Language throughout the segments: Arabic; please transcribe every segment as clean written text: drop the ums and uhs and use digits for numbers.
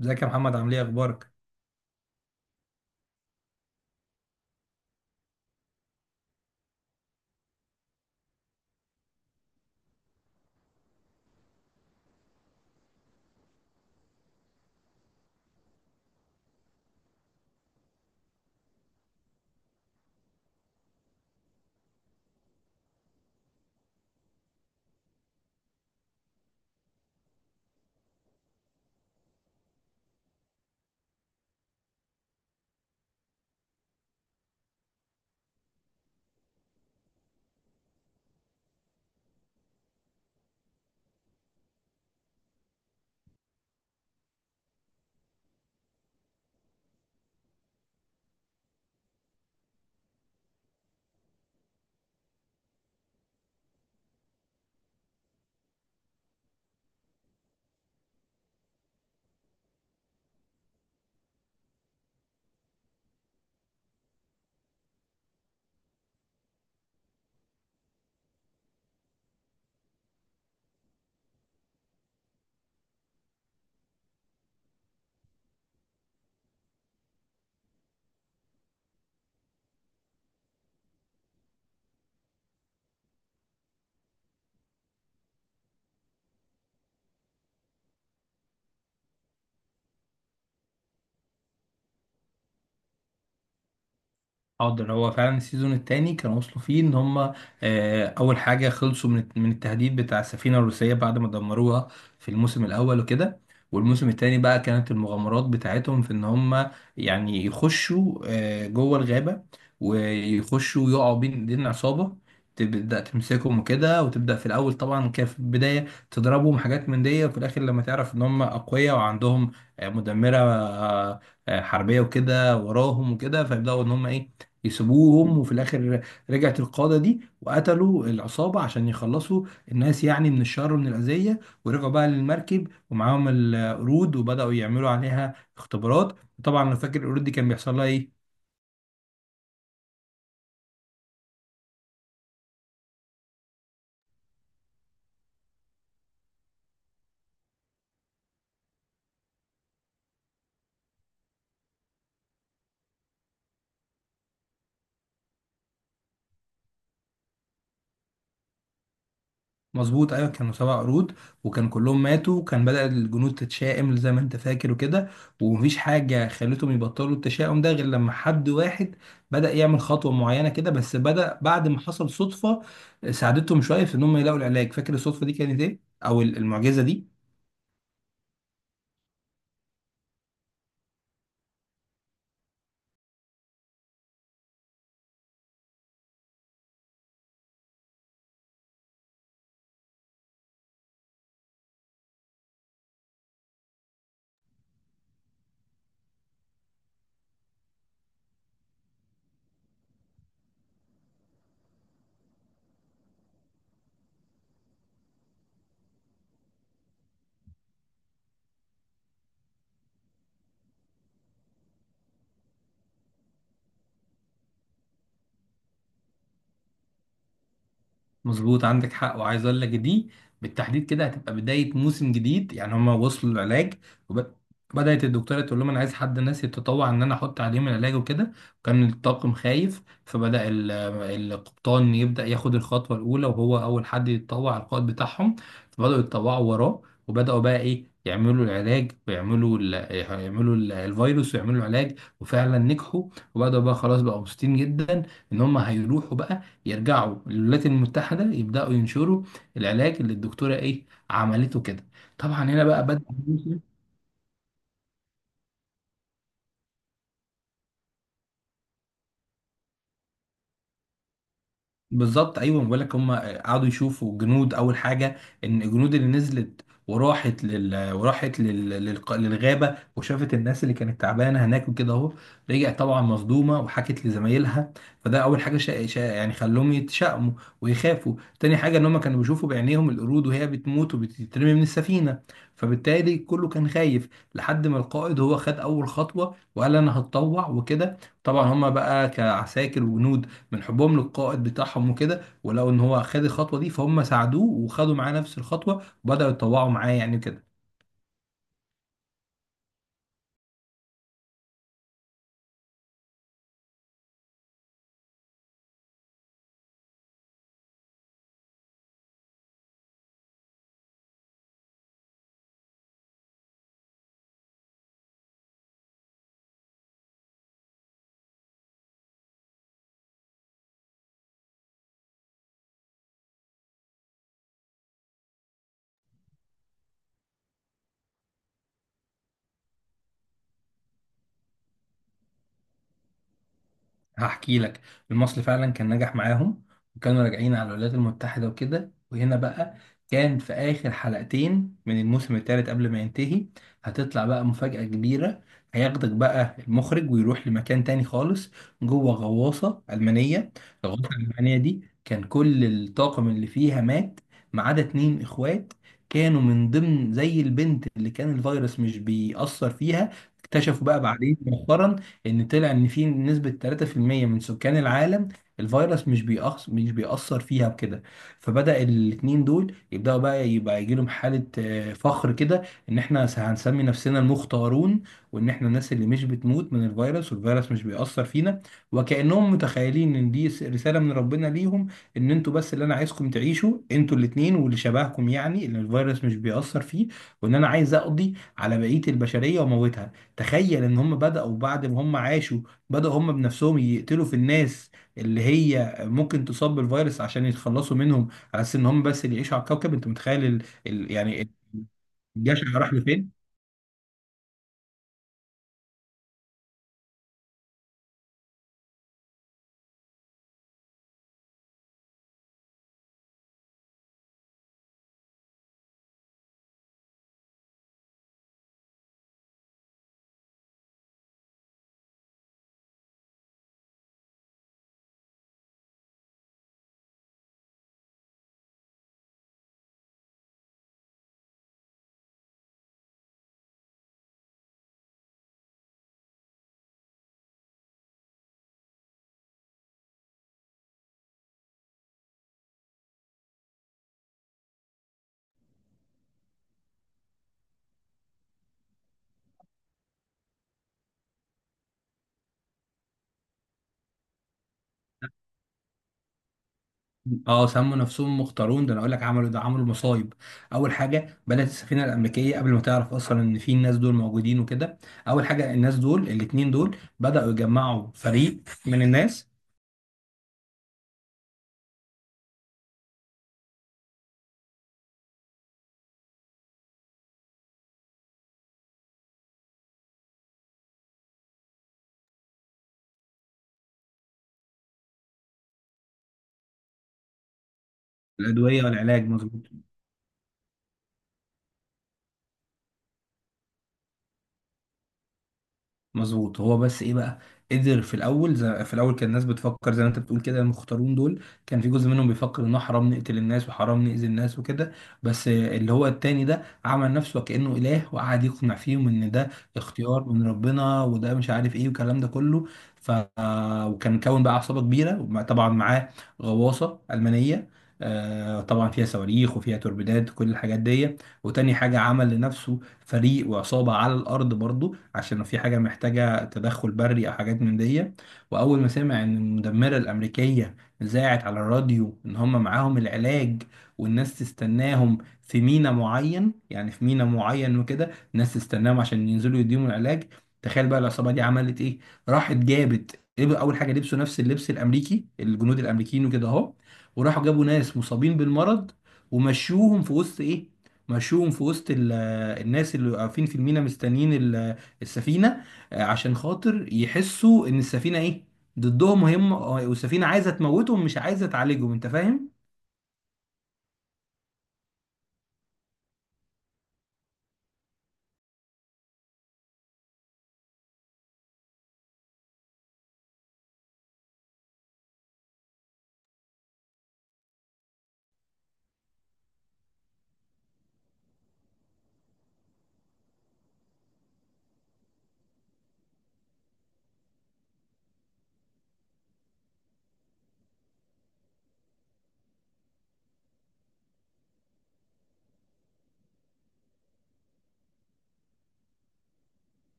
ازيك يا محمد عامل ايه اخبارك؟ حاضر هو فعلا السيزون التاني كانوا وصلوا فيه ان هم اول حاجه خلصوا من التهديد بتاع السفينه الروسيه بعد ما دمروها في الموسم الاول وكده. والموسم التاني بقى كانت المغامرات بتاعتهم في ان هم يعني يخشوا جوه الغابه، ويخشوا ويقعوا بين ايدين عصابه تبدا تمسكهم وكده، وتبدا في الاول. طبعا كان في البدايه تضربهم حاجات من دي، وفي الاخر لما تعرف ان هم اقوياء وعندهم مدمره حربيه وكده وراهم وكده، فيبداوا ان هم ايه، يسيبوهم. وفي الاخر رجعت القاده دي وقتلوا العصابه عشان يخلصوا الناس يعني من الشر ومن الاذيه، ورجعوا بقى للمركب ومعاهم القرود وبداوا يعملوا عليها اختبارات. طبعا انا فاكر القرود دي كان بيحصل لها ايه. مظبوط، ايوه، كانوا سبع قرود وكان كلهم ماتوا، وكان بدأ الجنود تتشائم زي ما انت فاكر وكده، ومفيش حاجه خلتهم يبطلوا التشاؤم ده غير لما حد واحد بدأ يعمل خطوه معينه كده، بس بدأ بعد ما حصل صدفه ساعدتهم شويه في ان هم يلاقوا العلاج. فاكر الصدفه دي كانت ايه، او المعجزه دي؟ مظبوط، عندك حق. وعايز اقول لك دي بالتحديد كده هتبقى بدايه موسم جديد. يعني هما وصلوا للعلاج، وبدات الدكتوره تقول لهم انا عايز حد، ناس يتطوع ان انا احط عليهم العلاج وكده. كان الطاقم خايف، القبطان يبدا ياخد الخطوه الاولى، وهو اول حد يتطوع على القائد بتاعهم، فبداوا يتطوعوا وراه. وبداوا بقى ايه، يعملوا العلاج ويعملوا الفيروس ويعملوا العلاج، وفعلا نجحوا. وبداوا بقى خلاص بقوا مبسوطين جدا ان هم هيروحوا بقى يرجعوا للولايات المتحدة، يبدأوا ينشروا العلاج اللي الدكتورة ايه عملته كده. طبعا هنا بقى بدأ. بالظبط، ايوه، بقول لك هم قعدوا يشوفوا جنود اول حاجه. ان الجنود اللي نزلت للغابه وشافت الناس اللي كانت تعبانه هناك وكده اهو، رجعت طبعا مصدومه وحكت لزمايلها. فده اول حاجه يعني خلوهم يتشائموا ويخافوا. تاني حاجه ان هم كانوا بيشوفوا بعينيهم القرود وهي بتموت وبتترمي من السفينه، فبالتالي كله كان خايف لحد ما القائد هو خد اول خطوه وقال انا هتطوع وكده. طبعا هم بقى كعساكر وجنود، من حبهم للقائد بتاعهم وكده، ولقوا ان هو خد الخطوه دي، فهم ساعدوه وخدوا معاه نفس الخطوه وبداوا يتطوعوا معاه يعني كده. هحكي لك، المصري فعلا كان نجح معاهم، وكانوا راجعين على الولايات المتحدة وكده. وهنا بقى كان في آخر حلقتين من الموسم الثالث قبل ما ينتهي هتطلع بقى مفاجأة كبيرة. هياخدك بقى المخرج ويروح لمكان تاني خالص، جوه غواصة ألمانية. الغواصة الألمانية دي كان كل الطاقم اللي فيها مات ما عدا اتنين إخوات، كانوا من ضمن زي البنت اللي كان الفيروس مش بيأثر فيها. اكتشفوا بقى بعدين مؤخرا ان طلع ان في نسبة 3% من سكان العالم الفيروس مش بيأثر فيها بكده. فبدأ الاتنين دول يبدأوا بقى يبقى يجي لهم حالة فخر كده، ان احنا هنسمي نفسنا المختارون، وان احنا الناس اللي مش بتموت من الفيروس والفيروس مش بيأثر فينا. وكأنهم متخيلين ان دي رسالة من ربنا ليهم، ان انتوا بس اللي انا عايزكم تعيشوا، انتوا الاتنين واللي شبهكم، يعني ان الفيروس مش بيأثر فيه، وان انا عايز اقضي على بقية البشرية واموتها. تخيل ان هم بدأوا بعد ما هم عاشوا، بدأوا هم بنفسهم يقتلوا في الناس اللي هي ممكن تصاب بالفيروس عشان يتخلصوا منهم، على اساس ان هم بس اللي يعيشوا على الكوكب. انت متخيل يعني الجشع راح لفين؟ اه، سموا نفسهم مختارون. ده انا اقول لك عملوا ده عملوا مصايب. اول حاجه بنت السفينه الامريكيه قبل ما تعرف اصلا ان في الناس دول موجودين وكده، اول حاجه الناس دول الاثنين دول بدأوا يجمعوا فريق من الناس. الادويه والعلاج، مظبوط. مظبوط. هو بس ايه بقى، قدر في الاول، زي في الاول كان الناس بتفكر زي ما انت بتقول كده، المختارون دول كان في جزء منهم بيفكر انه حرام نقتل الناس وحرام نأذي الناس وكده، بس اللي هو التاني ده عمل نفسه كأنه اله وقعد يقنع فيهم ان ده اختيار من ربنا وده مش عارف ايه والكلام ده كله. ف، وكان كون بقى عصابة كبيرة، طبعا معاه غواصة ألمانية، طبعا فيها صواريخ وفيها توربيدات وكل الحاجات دي. وتاني حاجة عمل لنفسه فريق وعصابة على الأرض برضو، عشان لو في حاجة محتاجة تدخل بري أو حاجات من دي. وأول ما سمع إن المدمرة الأمريكية ذاعت على الراديو إن هم معاهم العلاج، والناس تستناهم في ميناء معين، يعني في ميناء معين وكده الناس تستناهم عشان ينزلوا يديهم العلاج، تخيل بقى العصابة دي عملت إيه. راحت جابت، أول حاجة لبسوا نفس اللبس الأمريكي الجنود الأمريكيين وكده أهو، وراحوا جابوا ناس مصابين بالمرض، ومشوهم في وسط ايه، مشوهم في وسط الناس اللي واقفين في المينا مستنيين السفينة، عشان خاطر يحسوا ان السفينة ايه، ضدهم، وهم والسفينة عايزة تموتهم مش عايزة تعالجهم. انت فاهم؟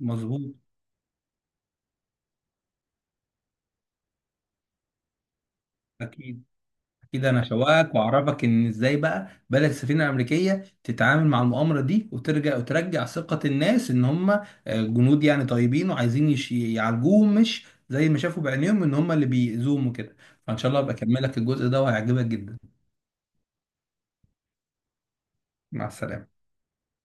مظبوط. اكيد. اكيد انا شوقك واعرفك ان ازاي بقى بدأت السفينة الامريكية تتعامل مع المؤامرة دي، وترجع وترجع ثقة الناس ان هم جنود يعني طيبين، وعايزين يعالجوهم، مش زي ما شافوا بعينيهم ان هم اللي بيأذوهم وكده. فان شاء الله ابقى اكملك الجزء ده وهيعجبك جدا. مع السلامة.